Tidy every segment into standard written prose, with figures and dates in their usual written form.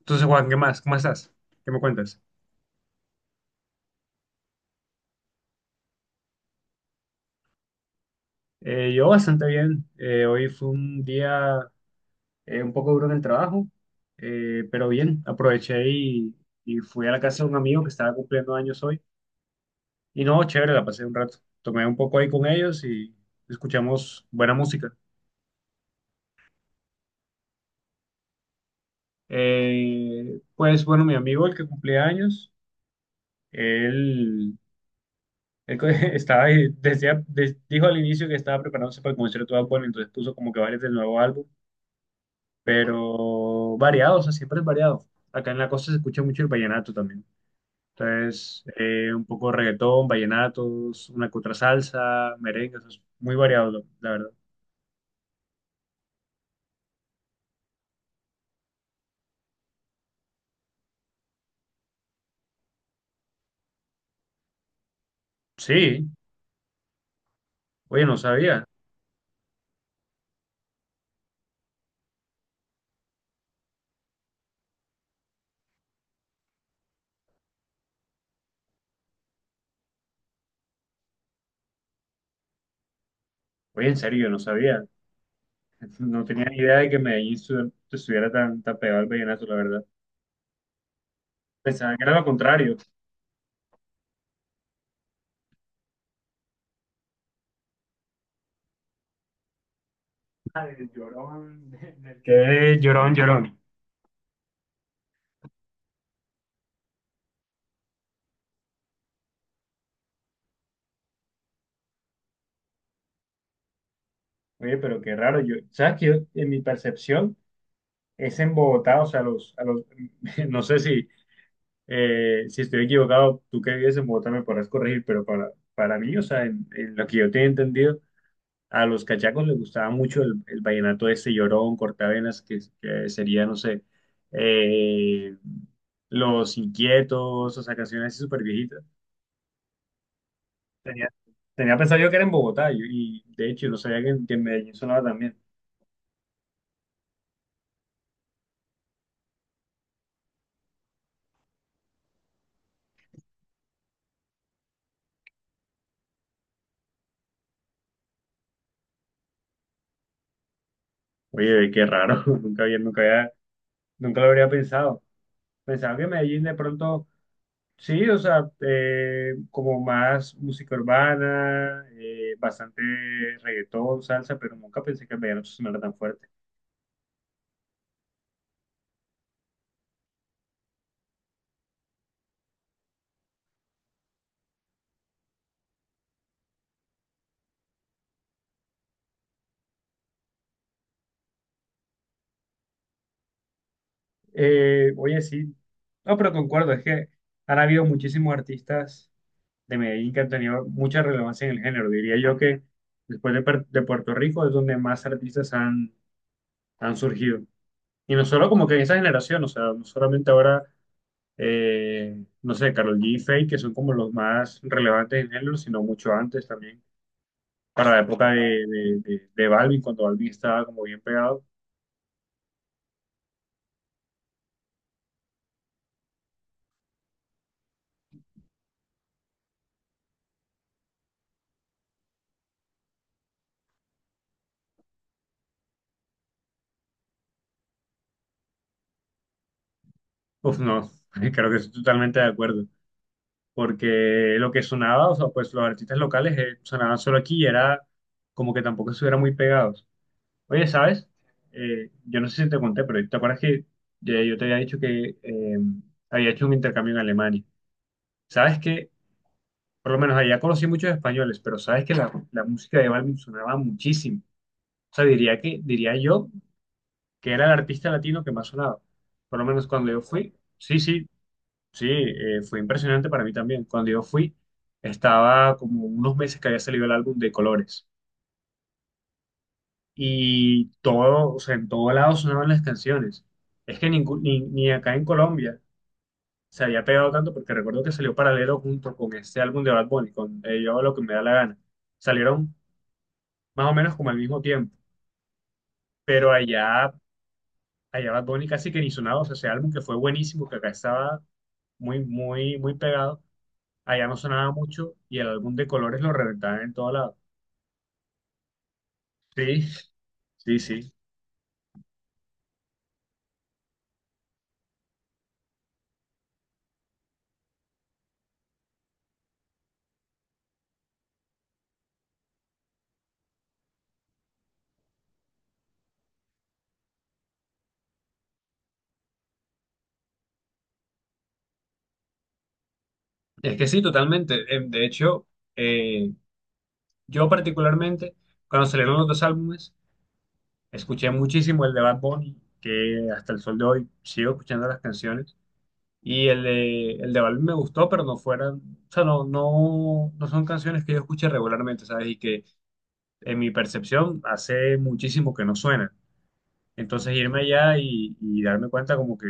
Entonces, Juan, ¿qué más? ¿Cómo estás? ¿Qué me cuentas? Yo bastante bien. Hoy fue un día un poco duro en el trabajo, pero bien, aproveché y fui a la casa de un amigo que estaba cumpliendo años hoy. Y no, chévere, la pasé un rato. Tomé un poco ahí con ellos y escuchamos buena música. Pues bueno, mi amigo, el que cumplía años, él, estaba, decía, dijo al inicio que estaba preparándose para el concierto de Bad Bunny, entonces puso como que varios del nuevo álbum, pero variado, o sea, siempre es variado. Acá en la costa se escucha mucho el vallenato también. Entonces, un poco reggaetón, vallenatos, una que otra salsa, merengue, o sea, es muy variado, la verdad. Sí, oye, no sabía. Oye, en serio, yo no sabía. No tenía ni idea de que estuviera tan, tan pegado al vallenato, la verdad. Pensaba que era lo contrario. Ah, el llorón, del que es llorón, llorón. Oye, pero qué raro. Yo, ¿sabes qué? En mi percepción es en Bogotá, o sea, a los, no sé si si estoy equivocado, tú que vives en Bogotá me podrás corregir, pero para mí, o sea, en lo que yo tenía entendido, a los cachacos les gustaba mucho el vallenato ese llorón, cortavenas, que sería, no sé, eh, Los Inquietos, o sea, canciones así súper viejitas. Tenía, tenía pensado yo que era en Bogotá, y de hecho, no sabía en que en Medellín sonaba también. Oye, qué raro, nunca lo habría pensado. Pensaba que Medellín de pronto. Sí, o sea, como más música urbana, bastante reggaetón, salsa, pero nunca pensé que el vallenato sonara tan fuerte. Oye, sí, no, pero concuerdo, es que han habido muchísimos artistas de Medellín que han tenido mucha relevancia en el género. Diría yo que después de, de Puerto Rico es donde más artistas han surgido. Y no solo como que en esa generación, o sea, no solamente ahora, no sé, Karol G y Feid, que son como los más relevantes en el género, sino mucho antes también. Para la época de Balvin, cuando Balvin estaba como bien pegado, pues no, creo que estoy totalmente de acuerdo, porque lo que sonaba, o sea, pues los artistas locales sonaban solo aquí y era como que tampoco estuvieran muy pegados. Oye, ¿sabes? Yo no sé si te conté, pero ¿te acuerdas que ya yo te había dicho que había hecho un intercambio en Alemania? ¿Sabes que por lo menos allá conocí muchos españoles? Pero sabes que la música de Balvin sonaba muchísimo. O sea, diría que, diría yo, que era el artista latino que más sonaba. Por lo menos cuando yo fui, sí, sí, sí, fue impresionante para mí también. Cuando yo fui, estaba como unos meses que había salido el álbum de Colores y todo, o sea, en todo lado sonaban las canciones. Es que ni acá en Colombia se había pegado tanto porque recuerdo que salió paralelo junto con este álbum de Bad Bunny, con Yo hago lo que me da la gana. Salieron más o menos como al mismo tiempo, pero allá, allá Bad Bunny casi que ni sonaba, o sea, ese álbum que fue buenísimo, que acá estaba muy, muy, muy pegado. Allá no sonaba mucho y el álbum de colores lo reventaban en todo lado. Sí, sí, sí. Es que sí, totalmente. De hecho, eh, yo particularmente, cuando salieron los dos álbumes, escuché muchísimo el de Bad Bunny, que hasta el sol de hoy sigo escuchando las canciones. Y el de Bad Bunny me gustó, pero no fueran, o sea, no son canciones que yo escuche regularmente, ¿sabes? Y que en mi percepción hace muchísimo que no suenan. Entonces irme allá y darme cuenta como que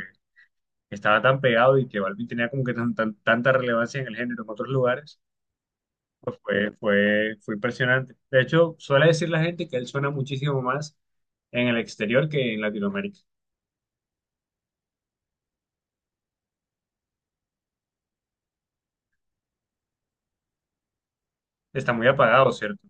estaba tan pegado y que Balvin tenía como que tanta relevancia en el género en otros lugares, pues fue impresionante. De hecho, suele decir la gente que él suena muchísimo más en el exterior que en Latinoamérica. Está muy apagado, ¿cierto?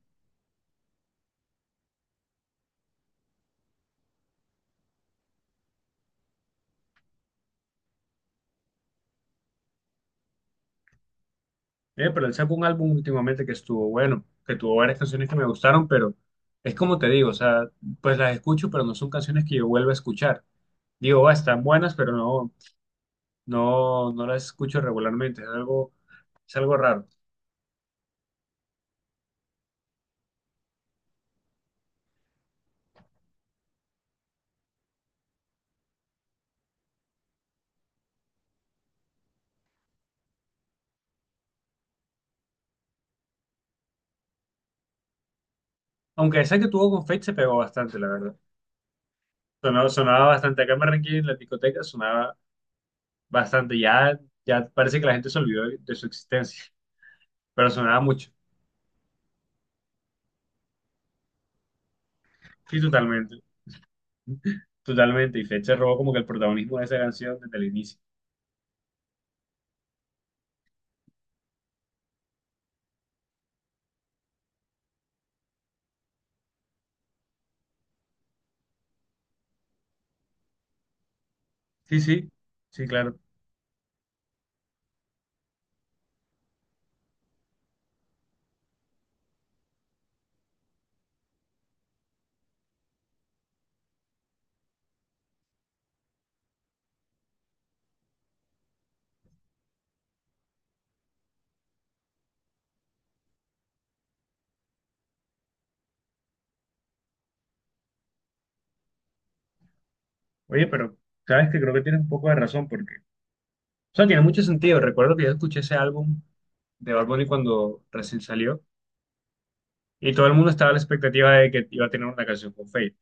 Pero él sacó un álbum últimamente que estuvo bueno, que tuvo varias canciones que me gustaron, pero es como te digo, o sea, pues las escucho, pero no son canciones que yo vuelva a escuchar. Digo, ah, están buenas, pero no las escucho regularmente, es algo raro. Aunque esa que tuvo con Fate se pegó bastante, la verdad. Sonaba, sonaba bastante. Acá en Barranquilla, en la discoteca, sonaba bastante. Ya, ya parece que la gente se olvidó de su existencia, pero sonaba mucho. Sí, totalmente. Totalmente. Y Fate se robó como que el protagonismo de esa canción desde el inicio. Sí, sí. Sí, claro. Oye, pero sabes que creo que tienes un poco de razón porque... O sea, tiene mucho sentido. Recuerdo que yo escuché ese álbum de Bad Bunny cuando recién salió y todo el mundo estaba a la expectativa de que iba a tener una canción con Fate.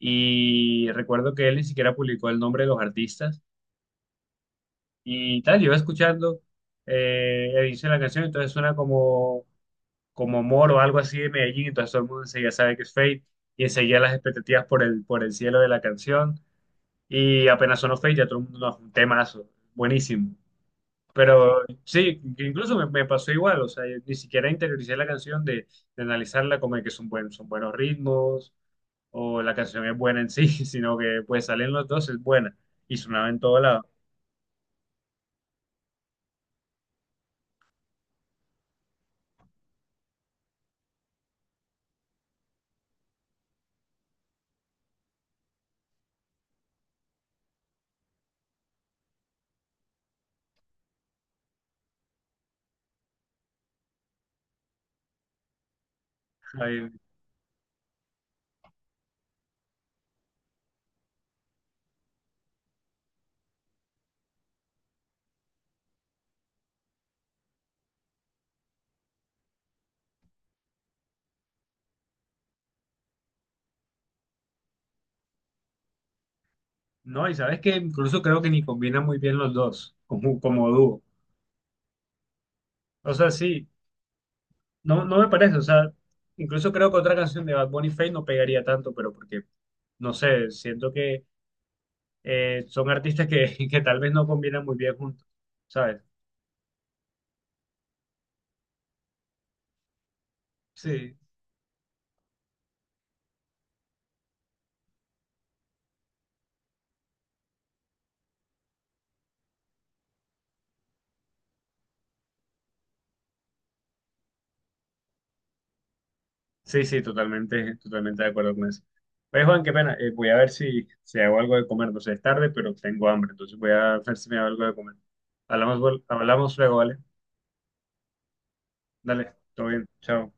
Y recuerdo que él ni siquiera publicó el nombre de los artistas y tal. Yo iba escuchando el inicio de la canción, entonces suena como, como Moro o algo así de Medellín, entonces todo el mundo enseguida sabe que es Fate y enseguida las expectativas por el cielo de la canción y apenas sonó Fate ya todo el mundo, "No, un temazo, buenísimo". Pero sí, que incluso me pasó igual, o sea, yo ni siquiera interioricé la canción de analizarla como de que son buenos ritmos, o la canción es buena en sí, sino que pues salen los dos, es buena y sonaba en todo lado. Ay, no, y sabes que incluso creo que ni combinan muy bien los dos como, como dúo. O sea, sí, no, no me parece, o sea, incluso creo que otra canción de Bad Bunny Feid no pegaría tanto, pero porque, no sé, siento que son artistas que, que tal vez no combinan muy bien juntos, ¿sabes? Sí. Sí, sí, totalmente, totalmente de acuerdo con eso. Pues Juan, qué pena, voy a ver si hago algo de comer, no sé, es tarde, pero tengo hambre, entonces voy a ver si me hago algo de comer. Hablamos, hablamos luego, ¿vale? Dale, todo bien, chao.